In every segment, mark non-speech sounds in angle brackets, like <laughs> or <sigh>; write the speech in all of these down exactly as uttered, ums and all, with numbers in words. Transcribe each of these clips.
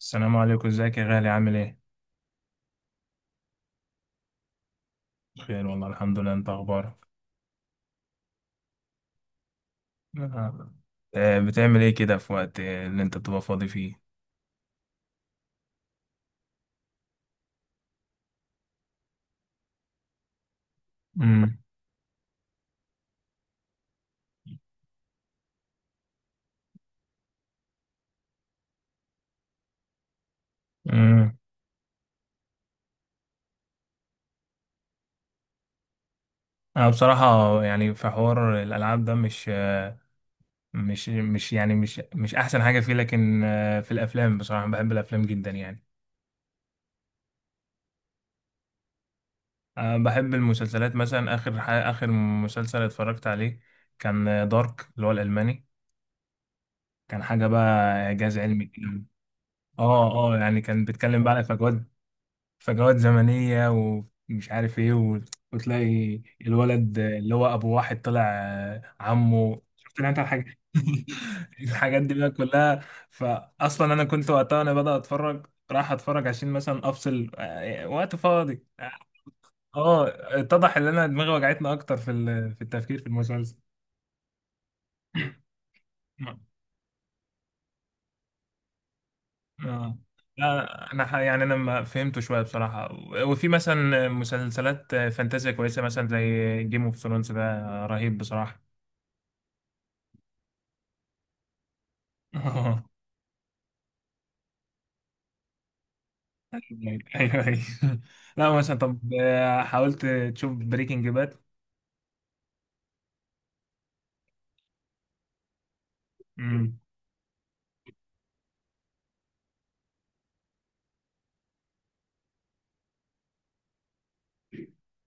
السلام عليكم، ازيك يا غالي؟ عامل ايه؟ بخير والله، الحمد لله. انت اخبارك؟ آه. آه، بتعمل ايه كده في وقت آه، اللي انت بتبقى فاضي فيه؟ امم امم انا بصراحة يعني في حوار الالعاب ده مش آه، مش مش يعني مش مش احسن حاجة فيه، لكن آه، في الافلام بصراحة، بحب الافلام جدا يعني. آه، بحب المسلسلات مثلا. اخر ح- اخر مسلسل اتفرجت عليه كان دارك، اللي هو الالماني. كان حاجة بقى، اعجاز علمي كده. اه، اه، يعني كان بيتكلم بقى على فجوات، فجوات زمنية، ومش عارف ايه و... وتلاقي الولد اللي هو ابو واحد طلع آه، عمه. شفت انت الحاجة؟ <laughs> الحاجات دي بقى كلها. فاصلا انا كنت وقتها، انا بدأ اتفرج راح اتفرج عشان مثلا افصل آه، وقت فاضي. اه، اتضح ان انا دماغي وجعتني اكتر في ال- في التفكير في المسلسل. اه، لا، انا ح- يعني انا ما فهمته شويه بصراحه. وفي مثلا مسلسلات فانتازيا كويسه، مثلا زي جيم اوف ثرونز ده، رهيب بصراحه. <laughs> اه، ايوه، ايوه. لا مثلا، طب آه، حاولت تشوف بريكنج باد؟ امم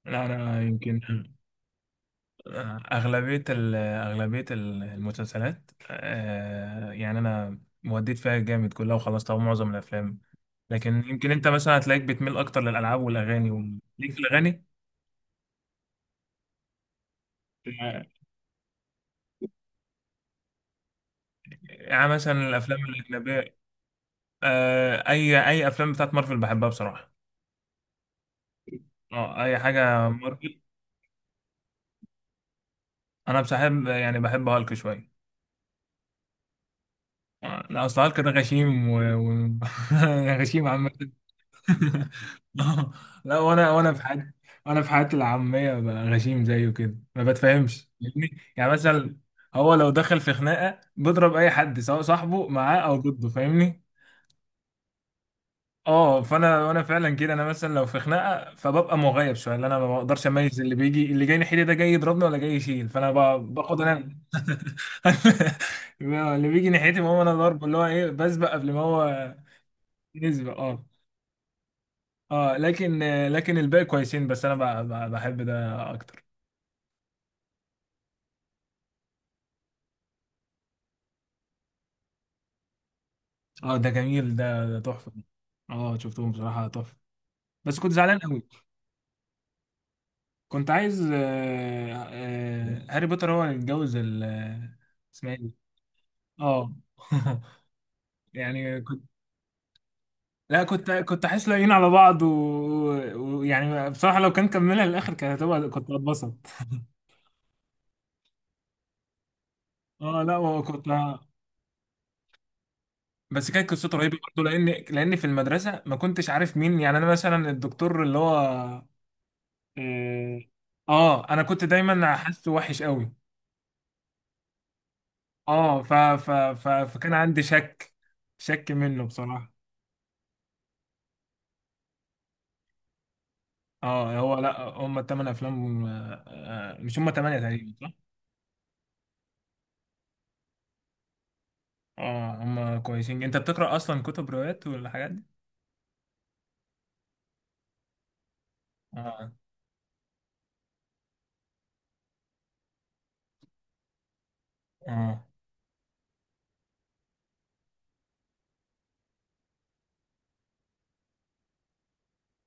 لا، انا يمكن آه، اغلبيه ال- اغلبيه ال- المسلسلات آه، يعني انا موديت فيها جامد كلها وخلصتها معظم الافلام. لكن يمكن انت مثلا هتلاقيك بتميل اكتر للالعاب والاغاني و- ليك في الاغاني. يعني مثلا الافلام الاجنبيه. آه اي اي افلام بتاعت مارفل بحبها بصراحه. اه، اي حاجه مارفل. انا بحب، يعني بحب هالك شويه. آه، لا، اصل هالك ده غشيم و... و... <laughs> غشيم عامه. <laughs> آه، لا وانا وانا في حياتي وانا في حياتي العاميه بقى غشيم زيه، كده ما بتفهمش، يعني يعني مثلا. هو لو دخل في خناقه، بيضرب اي حد، سواء صاحبه معاه او ضده. فاهمني؟ اه، فانا وانا فعلا كده. انا مثلا لو في خناقه، فببقى مغيب شويه. اللي انا ما بقدرش اميز اللي بيجي، اللي جاي ناحيتي ده جاي يضربني ولا جاي يشيل، فانا ب- باخد انا. <laughs> اللي بيجي ناحيتي، ما هو انا ضرب، اللي هو ايه، بسبق قبل ما هو يسبق. اه. اه، لكن لكن الباقي كويسين. بس انا ب- ب- بحب ده اكتر. اه، ده جميل. ده ده تحفه. اه، شفتهم بصراحه، تحفه. بس كنت زعلان قوي، كنت عايز آه آه هاري بوتر هو اللي يتجوز ال-، اسمها ايه دي؟ اه. <laughs> يعني كنت. لا، كنت كنت احس لاقيين على بعض و- ويعني بصراحه لو كان كملها للاخر كانت هتبقى كنت هتبسط. اه، لا، وكنت. بس كانت قصته رهيبه برضه، لان لان في المدرسه ما كنتش عارف مين. يعني انا مثلا الدكتور اللي هو اه آه، انا كنت دايما حاسه وحش قوي. اه، ف ف ف فكان عندي شك. شك منه بصراحه. اه، هو لا هم الثمان افلام آه، آه، مش هم ثمانيه تقريبا، صح؟ اه، هم كويسين. انت بتقرأ اصلا كتب روايات والحاجات دي؟ اه، اه،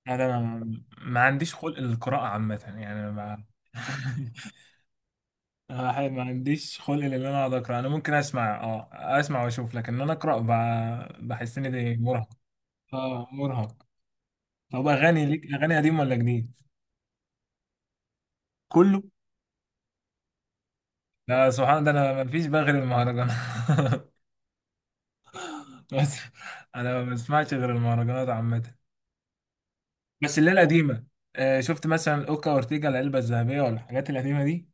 لا. ده انا ما ما عنديش خلق للقراءة عامة، يعني أنا ما. <laughs> آه، ما عنديش خلق ان انا اقعد اقرا. انا ممكن اسمع اه اسمع واشوف، لكن ان انا اقرا ب- بحس ان دي مرهق. اه، مرهق. طب، اغاني ليك. اغاني قديم ولا جديد؟ كله. لا، سبحان الله، ده انا ما فيش بقى غير المهرجانات. <laughs> بس انا ما بسمعش غير المهرجانات عامة. بس اللي هي القديمة. آه، شفت مثلا اوكا اورتيجا، العلبة الذهبية ولا الحاجات القديمة دي؟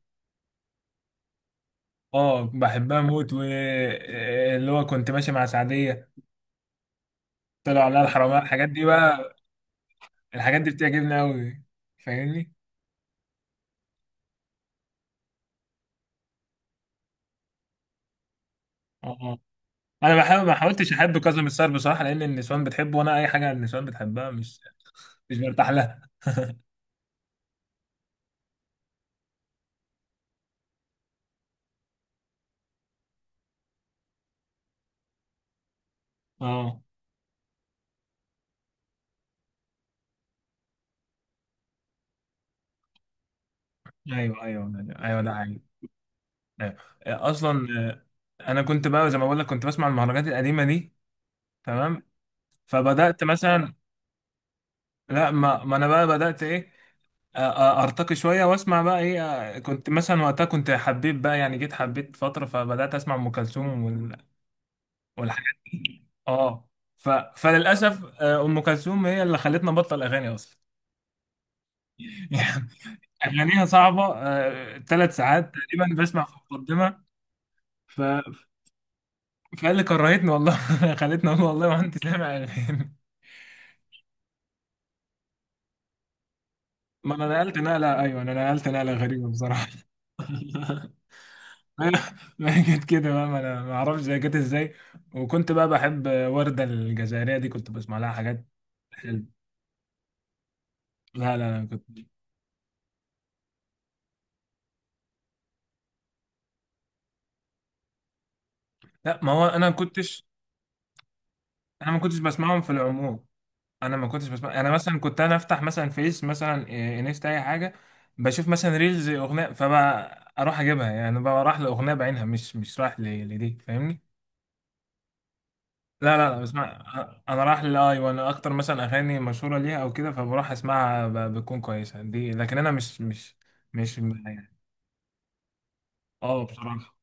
اه، بحبها موت. واللي هو كنت ماشي مع سعدية، طلعوا عليها الحرامية، الحاجات دي بقى. الحاجات دي بتعجبني قوي. فاهمني؟ اه، اه، انا بحاول، ما حاولتش احب كاظم الساهر بصراحة، لان النسوان بتحبه وانا اي حاجة النسوان بتحبها مش مش برتاح لها. اه، ايوه، ايوه. ايوه ده حقيقي. ايوه. اصلا. آه، انا كنت بقى، زي ما بقول لك، كنت بسمع المهرجانات القديمة دي. تمام. فبدأت مثلا. لا، ما, ما انا بقى بدأت ايه. أ- أ- ارتقي شويه واسمع بقى ايه. أ- كنت مثلا وقتها، كنت حبيت بقى يعني جيت حبيت فتره فبدات اسمع ام كلثوم وال- والحاجات دي اه. ف... فللاسف آه، ام كلثوم هي اللي خلتنا نبطل اغاني اصلا. <laughs> يعني اغانيها صعبه، ثلاث ساعات تقريبا بسمع في مقدمه. ف... فقال لي كرهتني والله. <laughs> خلتني اقول والله ما انت سامع اغاني. <laughs> ما انا نقلت نقله ايوه، انا نقلت نقله غريبه بصراحه. <laughs> <laughs> ما هي جت كده بقى، ما انا ما اعرفش هي جت ازاي. وكنت بقى بحب وردة الجزائرية دي، كنت بسمع لها حاجات حلوة. لا، لا، لا، كنت. لا، ما هو انا ما كنتش. انا ما كنتش بسمعهم في العموم. انا ما كنتش بسمع. انا مثلا كنت، انا افتح مثلا فيس، مثلا إيه، انستا، اي حاجة. بشوف مثلا ريلز اغنية، فبقى اروح اجيبها. يعني بقى رايح لاغنية بعينها، مش مش رايح ل- لدي. فاهمني؟ لا، لا، لا، بسمع. انا رايح للاي، وانا اكتر مثلا اغاني مشهوره ليها او كده، فبروح اسمعها. ب- بتكون كويسه دي، لكن انا مش مش مش يعني. اه، بصراحه.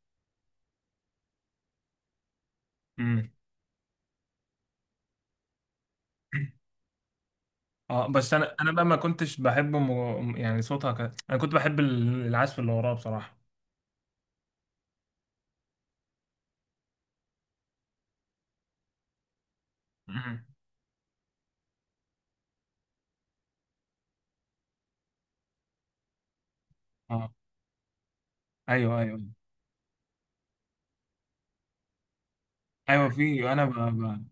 امم اه، بس انا انا بقى ما كنتش بحب م... يعني صوتها ك... انا كنت بحب ال- العزف اللي وراه بصراحه. امم اه، ايوه، ايوه. ايوه في انا ب... ب...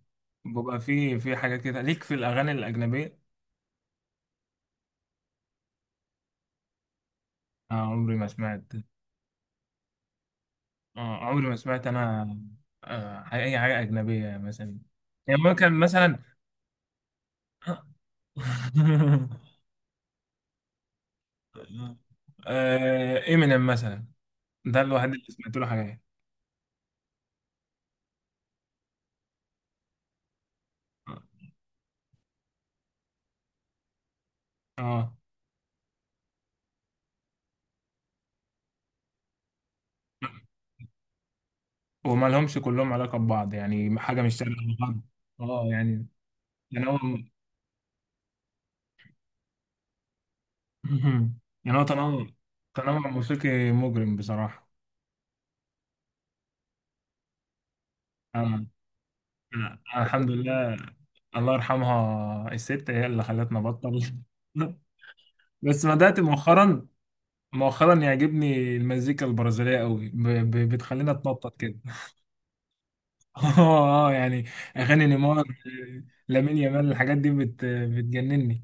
ببقى في في حاجات كده ليك في الاغاني الاجنبيه. آه عمري ما سمعت. آه عمري ما سمعت انا. آه اي حاجه اجنبيه مثلا، يعني ممكن مثلا آه، امينيم مثلا. ده الواحد اللي سمعت له حاجات. اه، وما لهمش كلهم علاقة ببعض، يعني حاجة مش شبه بعض. اه، يعني تنوع. <laughs> يعني هو تنوع، تنوع موسيقي مجرم بصراحة. أنا أنا الحمد لله. الله يرحمها الست، هي اللي خلتنا بطل. <laughs> بس بدأت مؤخرا، مؤخرا يعجبني المزيكا البرازيلية قوي. ب- ب- بتخلينا تنطط كده. اه، اه، يعني اغاني نيمار، لامين يامال، الحاجات دي بت بتجنني.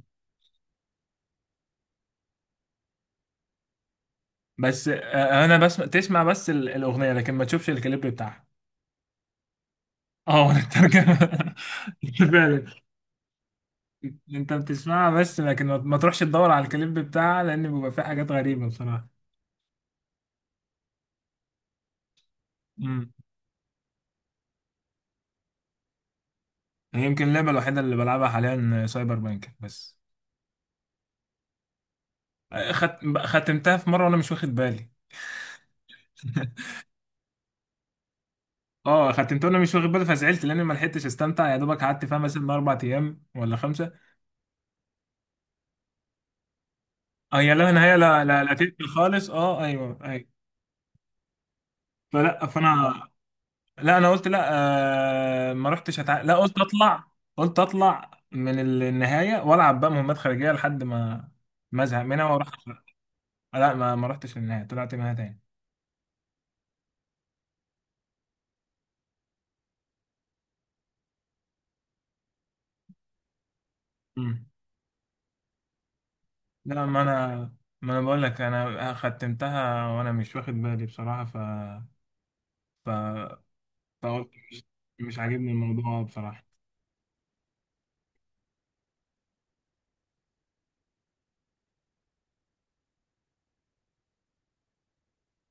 بس آه، انا بسمع تسمع بس ال- الاغنيه، لكن ما تشوفش الكليب بتاعها. اه، ولا الترجمه. <laughs> فعلا. انت بتسمعها بس، لكن ما ما تروحش تدور على الكليب بتاعها، لان بيبقى فيه حاجات غريبه بصراحه. امم يمكن اللعبه الوحيده اللي بلعبها حاليا سايبر بانك بس. آه، خت... ختمتها في مره وانا مش واخد بالي. <laughs> اه، ختمت وانا مش واخد بالي، فزعلت لاني ما لحقتش استمتع. يا دوبك قعدت فيها مثلا اربع ايام ولا خمسه. اه، يا لا نهايه. لا، لا، لا، تقفل خالص. اه، ايوه، ايوه. فلا، فانا. لا، انا قلت لا. آه ما رحتش أتع... لا، قلت اطلع قلت اطلع من النهايه، والعب بقى مهمات خارجيه لحد ما ما ازهق منها واروح أخرج. لا، ما ما رحتش للنهايه، طلعت منها تاني. مم. لا، ما انا ما انا بقول لك، انا ختمتها وانا مش واخد بالي بصراحه. ف ف فقلت مش مش عاجبني الموضوع بصراحه.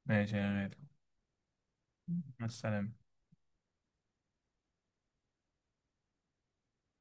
ماشي يا غالي. مع السلامه.